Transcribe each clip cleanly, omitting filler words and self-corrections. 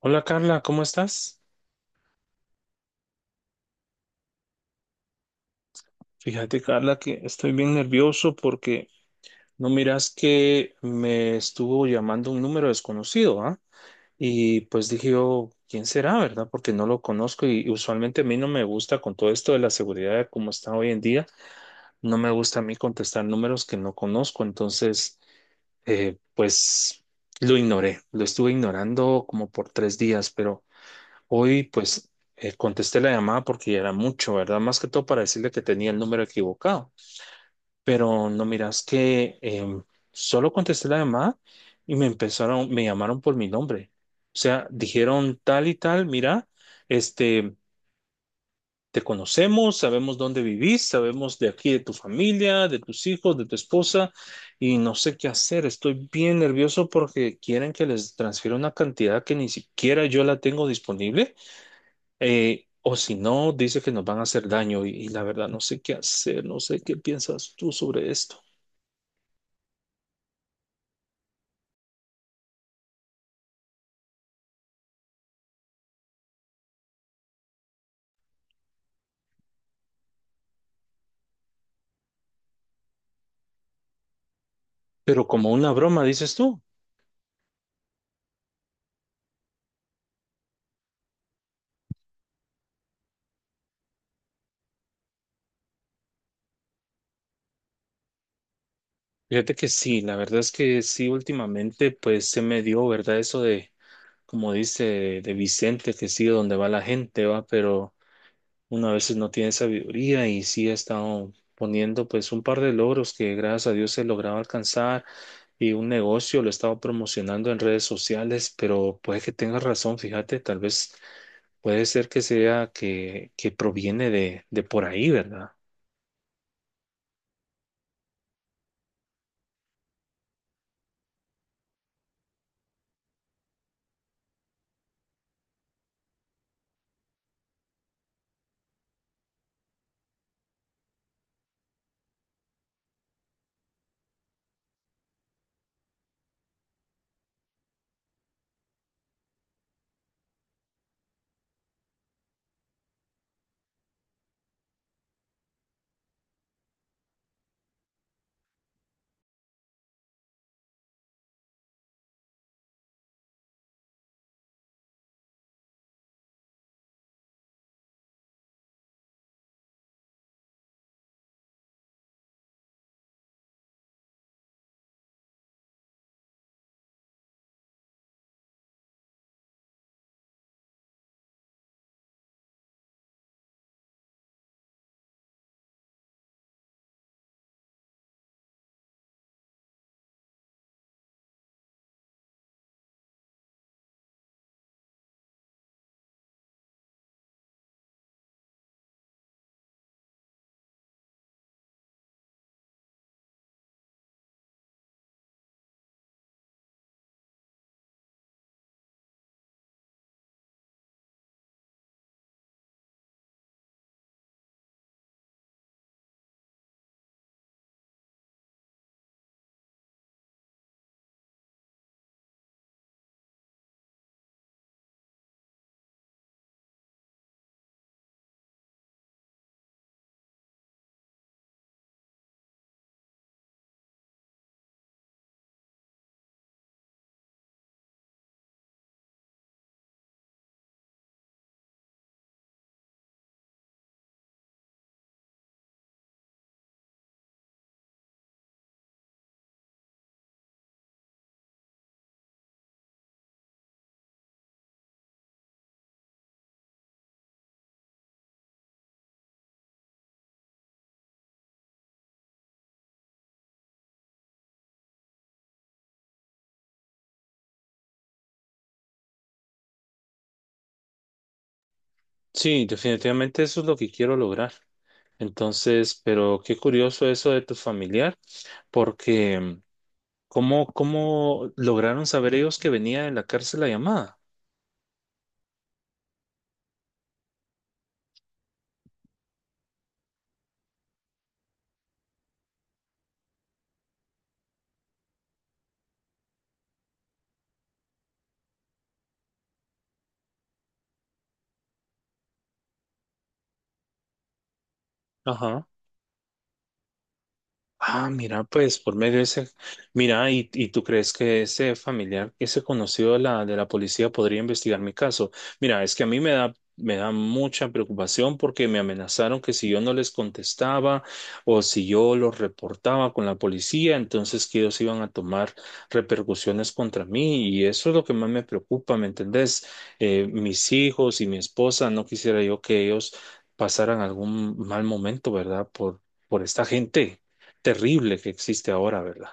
Hola Carla, ¿cómo estás? Fíjate Carla que estoy bien nervioso porque no miras que me estuvo llamando un número desconocido, ¿ah? Y pues dije yo, ¿quién será, verdad? Porque no lo conozco y usualmente a mí no me gusta con todo esto de la seguridad como está hoy en día, no me gusta a mí contestar números que no conozco, entonces pues lo ignoré, lo estuve ignorando como por 3 días, pero... Hoy pues contesté la llamada porque ya era mucho, ¿verdad? Más que todo para decirle que tenía el número equivocado. Pero no miras que solo contesté la llamada y me empezaron, me llamaron por mi nombre. O sea, dijeron tal y tal, mira, este, te conocemos, sabemos dónde vivís, sabemos de aquí de tu familia, de tus hijos, de tu esposa y no sé qué hacer. Estoy bien nervioso porque quieren que les transfiera una cantidad que ni siquiera yo la tengo disponible, o si no, dice que nos van a hacer daño y la verdad no sé qué hacer, no sé qué piensas tú sobre esto. Pero como una broma, dices tú. Fíjate que sí, la verdad es que sí, últimamente pues se me dio, ¿verdad? Eso de, como dice de Vicente, que sigue donde va la gente, va, pero una veces no tiene sabiduría y sí he estado poniendo pues un par de logros que gracias a Dios he logrado alcanzar y un negocio lo he estado promocionando en redes sociales, pero puede que tengas razón, fíjate, tal vez. Puede ser que sea que proviene de por ahí, ¿verdad? Sí, definitivamente eso es lo que quiero lograr. Entonces, pero qué curioso eso de tu familiar, porque ¿cómo, cómo lograron saber ellos que venía de la cárcel la llamada? Ajá. Ah, mira, pues por medio de ese, mira, y tú crees que ese familiar, ese conocido de la policía podría investigar mi caso. Mira, es que a mí me da mucha preocupación porque me amenazaron que si yo no les contestaba o si yo los reportaba con la policía, entonces que ellos iban a tomar repercusiones contra mí y eso es lo que más me preocupa, ¿me entendés? Mis hijos y mi esposa, no quisiera yo que ellos pasaran algún mal momento, ¿verdad? Por esta gente terrible que existe ahora, ¿verdad?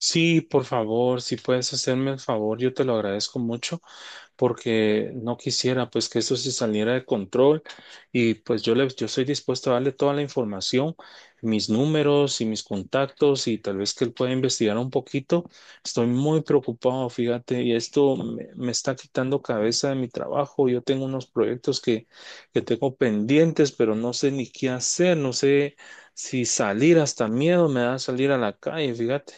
Sí, por favor, si puedes hacerme el favor, yo te lo agradezco mucho. Porque no quisiera pues que eso se saliera de control y pues yo le, yo estoy dispuesto a darle toda la información, mis números y mis contactos y tal vez que él pueda investigar un poquito. Estoy muy preocupado, fíjate, y esto me, me está quitando cabeza de mi trabajo. Yo tengo unos proyectos que tengo pendientes, pero no sé ni qué hacer, no sé si salir, hasta miedo me da salir a la calle, fíjate.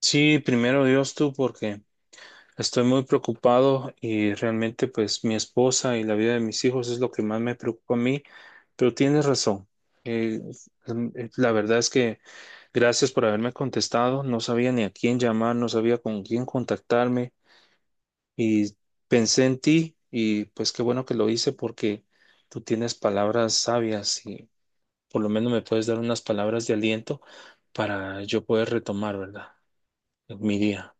Sí, primero Dios tú, porque estoy muy preocupado y realmente pues mi esposa y la vida de mis hijos es lo que más me preocupa a mí, pero tienes razón. Eh, la verdad es que gracias por haberme contestado. No sabía ni a quién llamar, no sabía con quién contactarme y pensé en ti y pues qué bueno que lo hice porque tú tienes palabras sabias y por lo menos me puedes dar unas palabras de aliento para yo poder retomar, ¿verdad? Mi día.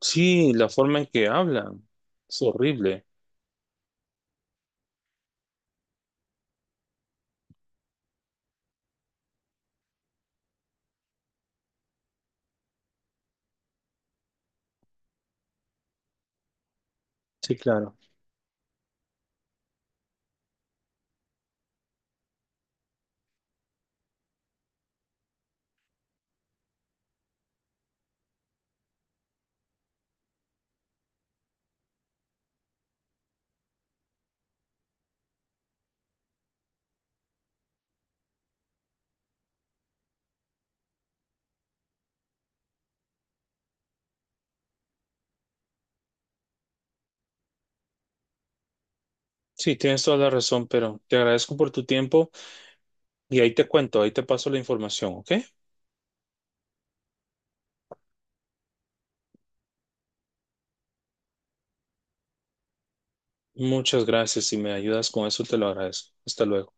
Sí, la forma en que hablan es horrible. Sí, claro. Sí, tienes toda la razón, pero te agradezco por tu tiempo y ahí te cuento, ahí te paso la información, ¿ok? Muchas gracias. Si me ayudas con eso, te lo agradezco. Hasta luego.